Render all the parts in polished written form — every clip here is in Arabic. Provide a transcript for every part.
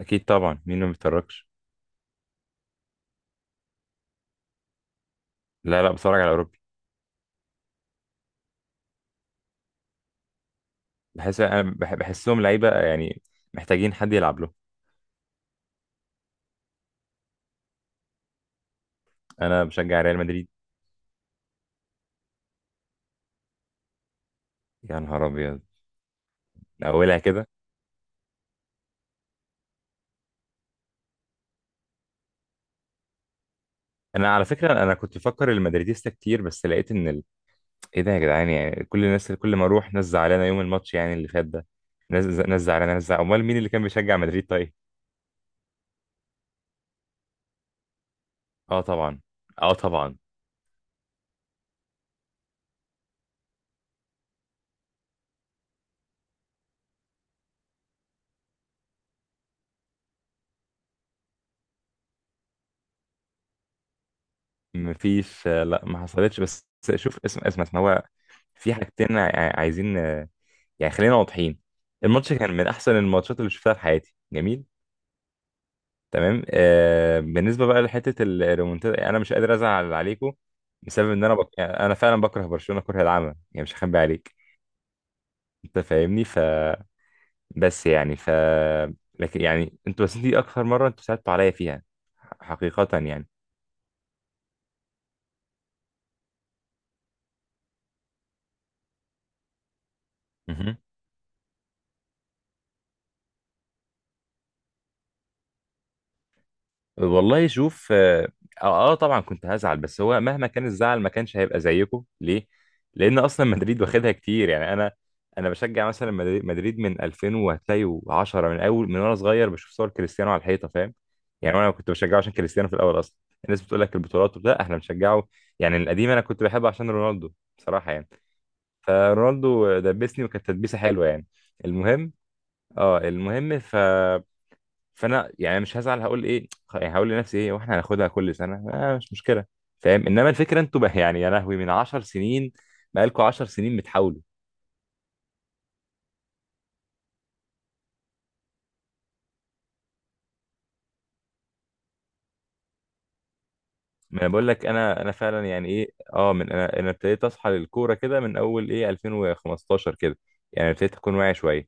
اكيد طبعا، مين ما بيتفرجش؟ لا لا، بتفرج على اوروبي. بحس انا بحسهم لعيبه يعني. محتاجين حد يلعب له. انا بشجع ريال مدريد. يا نهار ابيض! من اولها كده؟ انا على فكره انا كنت بفكر المدريديستا كتير، بس لقيت ان ايه ده يا جدعان، يعني كل الناس كل ما اروح ناس زعلانه يوم الماتش، يعني اللي فات ده. ناس زعلانه، ناس زعلانه، امال مين اللي كان بيشجع مدريد طيب؟ اه طبعا. اه طبعا. مفيش. لا، ما حصلتش بس. شوف، اسم هو في حاجتين عايزين، يعني خلينا واضحين. الماتش كان من احسن الماتشات اللي شفتها في حياتي، جميل، تمام. بالنسبه بقى لحته الريمونتادا، انا مش قادر ازعل عليكم بسبب ان انا يعني انا فعلا بكره برشلونه كره العمى، يعني مش هخبي عليك. انت فاهمني، بس يعني. لكن يعني انتوا، بس دي اكثر مره انتوا صعبتوا عليا فيها. حقيقه يعني. مهم. والله شوف اه آه، آه، طبعا كنت هزعل، بس هو مهما كان الزعل ما كانش هيبقى زيكم، ليه؟ لأن أصلا مدريد واخدها كتير، يعني أنا. بشجع مثلا مدريد من 2000، وهتلاقي 10 من أول، من وأنا صغير بشوف صور كريستيانو على الحيطة، فاهم؟ يعني أنا كنت بشجعه عشان كريستيانو في الأول أصلا. الناس بتقول لك البطولات، لا احنا بنشجعه، يعني القديم أنا كنت بحبه عشان رونالدو، بصراحة يعني. فرونالدو دبسني، وكانت تدبيسة حلوة يعني. المهم. اه المهم، فانا يعني مش هزعل، هقول ايه، يعني هقول لنفسي ايه، واحنا هناخدها كل سنه، مش مشكله، فاهم. انما الفكره انتوا بقى، يعني يا لهوي، من 10 سنين، بقالكوا 10 سنين بتحاولوا. ما انا بقول لك انا، فعلا يعني ايه. اه من انا، ابتديت اصحى للكوره كده من اول ايه، 2015 كده، يعني ابتديت اكون واعي شويه،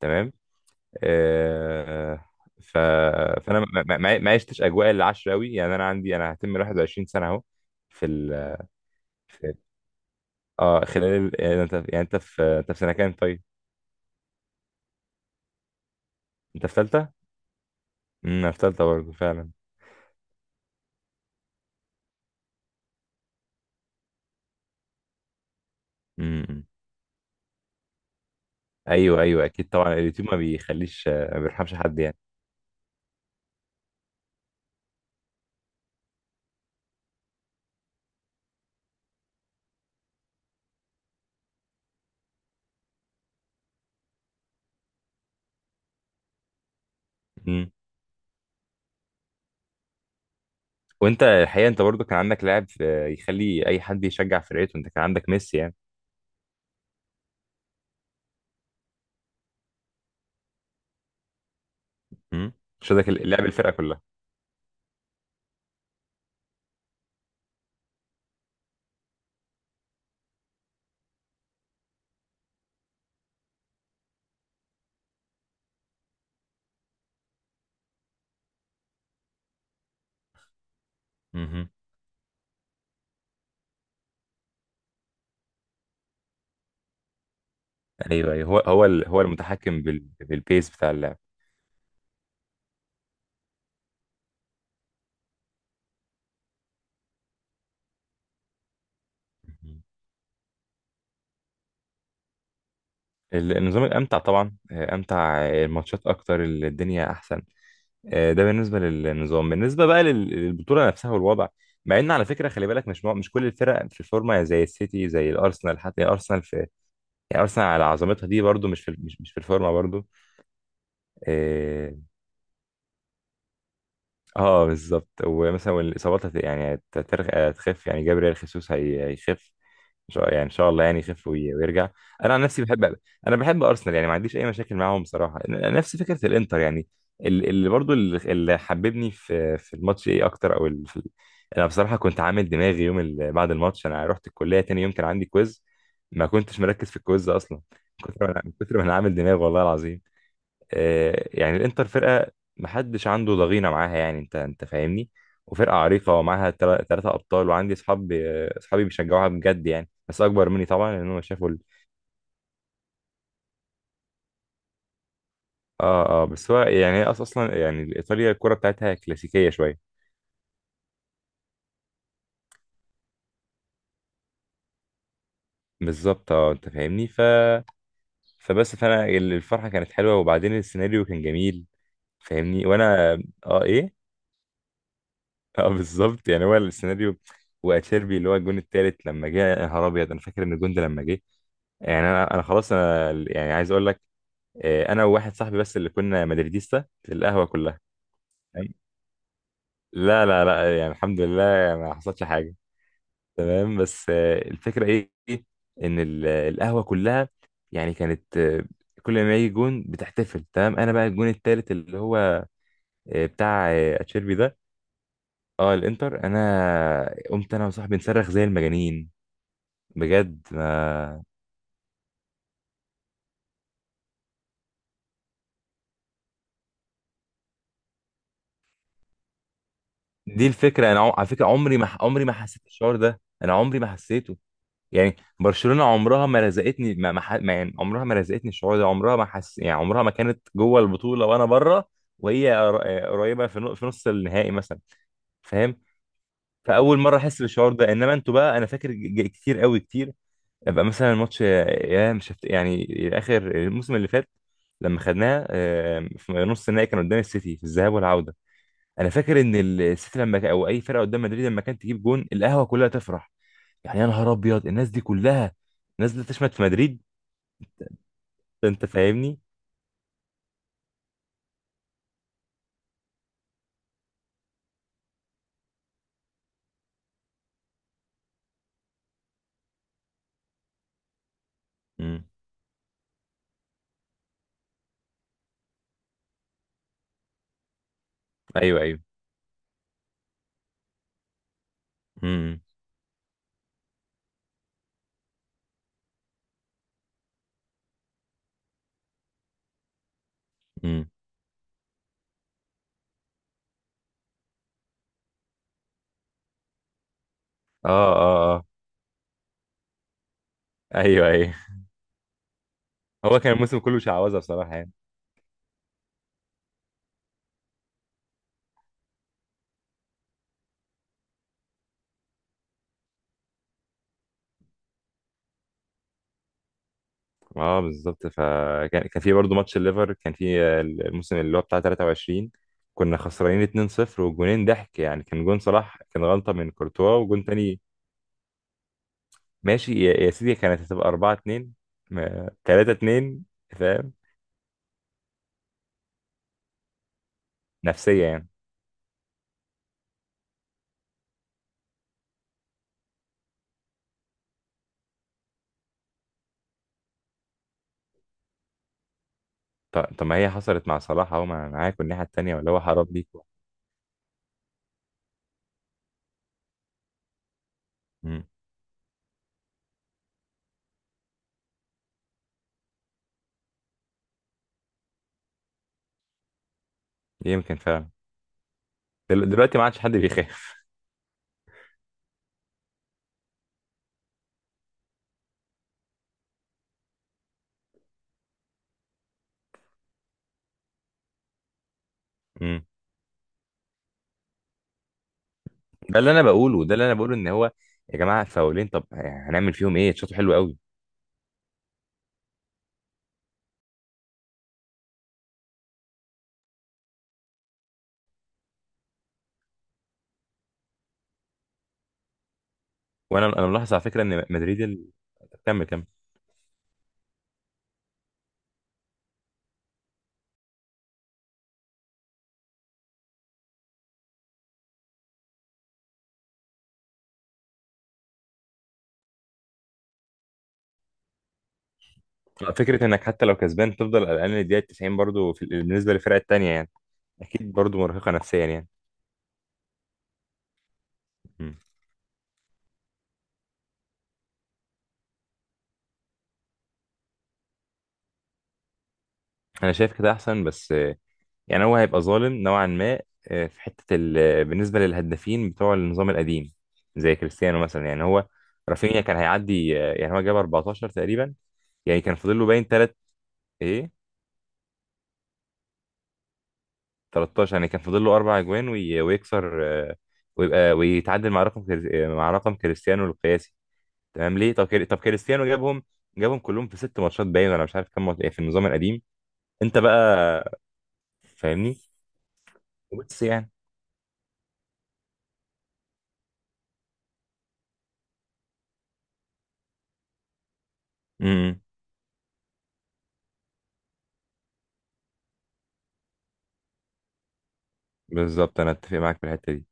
تمام، آه، ف فانا ما عشتش اجواء العشره قوي، يعني انا عندي، انا هتم 21 سنه اهو. في ال في اه خلال انت في سنه كام طيب؟ انت في ثالثه؟ في تالتة برضه فعلا. امم، ايوه، ايوه، اكيد طبعا، اليوتيوب ما بيخليش، ما بيرحمش حد يعني. امم. وانت الحقيقه، انت برضه كان عندك لاعب يخلي اي حد يشجع فرقته، انت كان عندك ميسي يعني. امم. شدك اللعب، الفرقه كلها. امم. ايوه، ايوه، هو هو المتحكم بالبيس بتاع اللعب. امم. النظام الامتع طبعا، آه، امتع، آه، الماتشات اكتر، الدنيا احسن. ده بالنسبه للنظام، بالنسبه بقى للبطوله نفسها والوضع. مع ان على فكره خلي بالك، مش كل الفرق في الفورمه، زي السيتي، زي الارسنال، حتى ارسنال في. يعني ارسنال على عظمتها دي برضو مش في مش في الفورمه برضو. اه, بالظبط، ومثلا، والاصابات هتخف، يعني جابريل خيسوس هيخف. ان شاء الله، يعني يخف ويرجع. انا عن نفسي بحب. انا بحب ارسنال، يعني ما عنديش اي مشاكل معاهم بصراحه، نفس فكره الانتر يعني. اللي حببني في الماتش، ايه اكتر، او انا بصراحه كنت عامل دماغي يوم بعد الماتش، انا رحت الكليه تاني يوم، كان عندي كويز. ما كنتش مركز في الكويز اصلا. من كتر ما انا عامل دماغ، والله العظيم. يعني الانتر فرقه محدش عنده ضغينه معاها، يعني انت فاهمني. وفرقه عريقه ومعاها ثلاثه ابطال وعندي اصحاب. اصحابي بيشجعوها بجد يعني، بس اكبر مني طبعا، لان هم شافوا اه بس هو يعني هي اصلا، يعني ايطاليا الكره بتاعتها كلاسيكيه شويه. بالظبط، انت فاهمني، فبس، فانا الفرحه كانت حلوه، وبعدين السيناريو كان جميل، فاهمني، وانا. اه ايه؟ اه بالظبط، يعني هو السيناريو. واتشيربي اللي هو الجون التالت، لما جه، يا نهار ابيض، انا فاكر ان الجون ده لما جه. يعني انا، خلاص، انا يعني عايز اقول لك. انا وواحد صاحبي بس اللي كنا مدريديستا في القهوه كلها. تمام؟ لا، لا، لا، يعني الحمد لله، ما حصلش حاجه. تمام، بس الفكره إيه؟ ان القهوه كلها يعني كانت، كل ما يجي جون بتحتفل، تمام. انا بقى الجون التالت اللي هو، بتاع، اتشيربي ده. اه الانتر، انا قمت انا وصاحبي نصرخ زي المجانين، بجد، ما. دي الفكره، انا على فكره عمري ما حسيت الشعور ده، انا عمري ما حسيته. يعني برشلونة عمرها ما رزقتني ما ما ح- ما- يعني عمرها ما رزقتني الشعور ده، عمرها ما حس، يعني عمرها ما كانت جوه البطولة وانا بره. وهي قريبة في في نص النهائي مثلا، فاهم. فاول مرة احس بالشعور ده، انما انتوا بقى، انا فاكر كتير قوي، كتير. ابقى مثلا الماتش، يا مش هفت... يعني اخر الموسم اللي فات، لما خدناها، في نص النهائي، كان قدام السيتي في الذهاب والعوده. انا فاكر ان السيتي لما او اي فرقه قدام مدريد لما كانت تجيب جون، القهوه كلها تفرح. يعني يا نهار ابيض، الناس دي كلها نازله تشمت في مدريد، ده انت فاهمني. امم. ايوه، ايوه. امم. امم. اه، اه، اه. ايوه، ايوه. هو كان الموسم كله شعوذه بصراحه يعني. اه بالظبط، فكان في برضه ماتش الليفر، كان في، الموسم اللي هو بتاع 23. كنا خسرانين 2-0، وجونين ضحك يعني، كان جون صلاح كان غلطه من كورتوا، وجون تاني. ماشي يا، سيدي، كانت هتبقى 4-2، 3-2، فاهم، نفسيه يعني. طب، طب، ما هي حصلت مع صلاح اهو، ما أنا معاك والناحيه التانيه، ولا هو حرام ليك؟ امم يمكن فعلا. دلوقتي ما عادش حد بيخاف. امم. ده اللي انا بقوله، ده اللي انا بقوله، ان هو يا جماعه فاولين، طب يعني هنعمل فيهم ايه، شاطر، حلو قوي. وانا ملاحظ على فكره ان مدريد كمل، كمل. فكره انك حتى لو كسبان تفضل قلقان للدقيقه 90 برضو، بالنسبه للفرقه التانيه يعني. اكيد برضو مرهقه نفسيا يعني. امم. انا شايف كده احسن، بس يعني هو هيبقى ظالم نوعا ما. في حتة ال... آه، بالنسبة للهدافين بتوع النظام القديم، زي كريستيانو مثلا يعني هو. رافينيا كان هيعدي، يعني هو جاب 14 تقريبا، يعني كان فاضل له باين تلات، ايه، 13، يعني كان فاضل له اربع اجوان، ويكسر، ويبقى ويتعادل مع رقم كريس... آه، مع رقم كريستيانو القياسي. تمام، ليه؟ طب طب كريستيانو جابهم، جابهم كلهم في ست ماتشات باين، ولا مش عارف كام ماتش، إيه في النظام القديم. انت بقى فاهمني، بس يعني. امم. بالظبط، انا اتفق معاك في الحتة دي.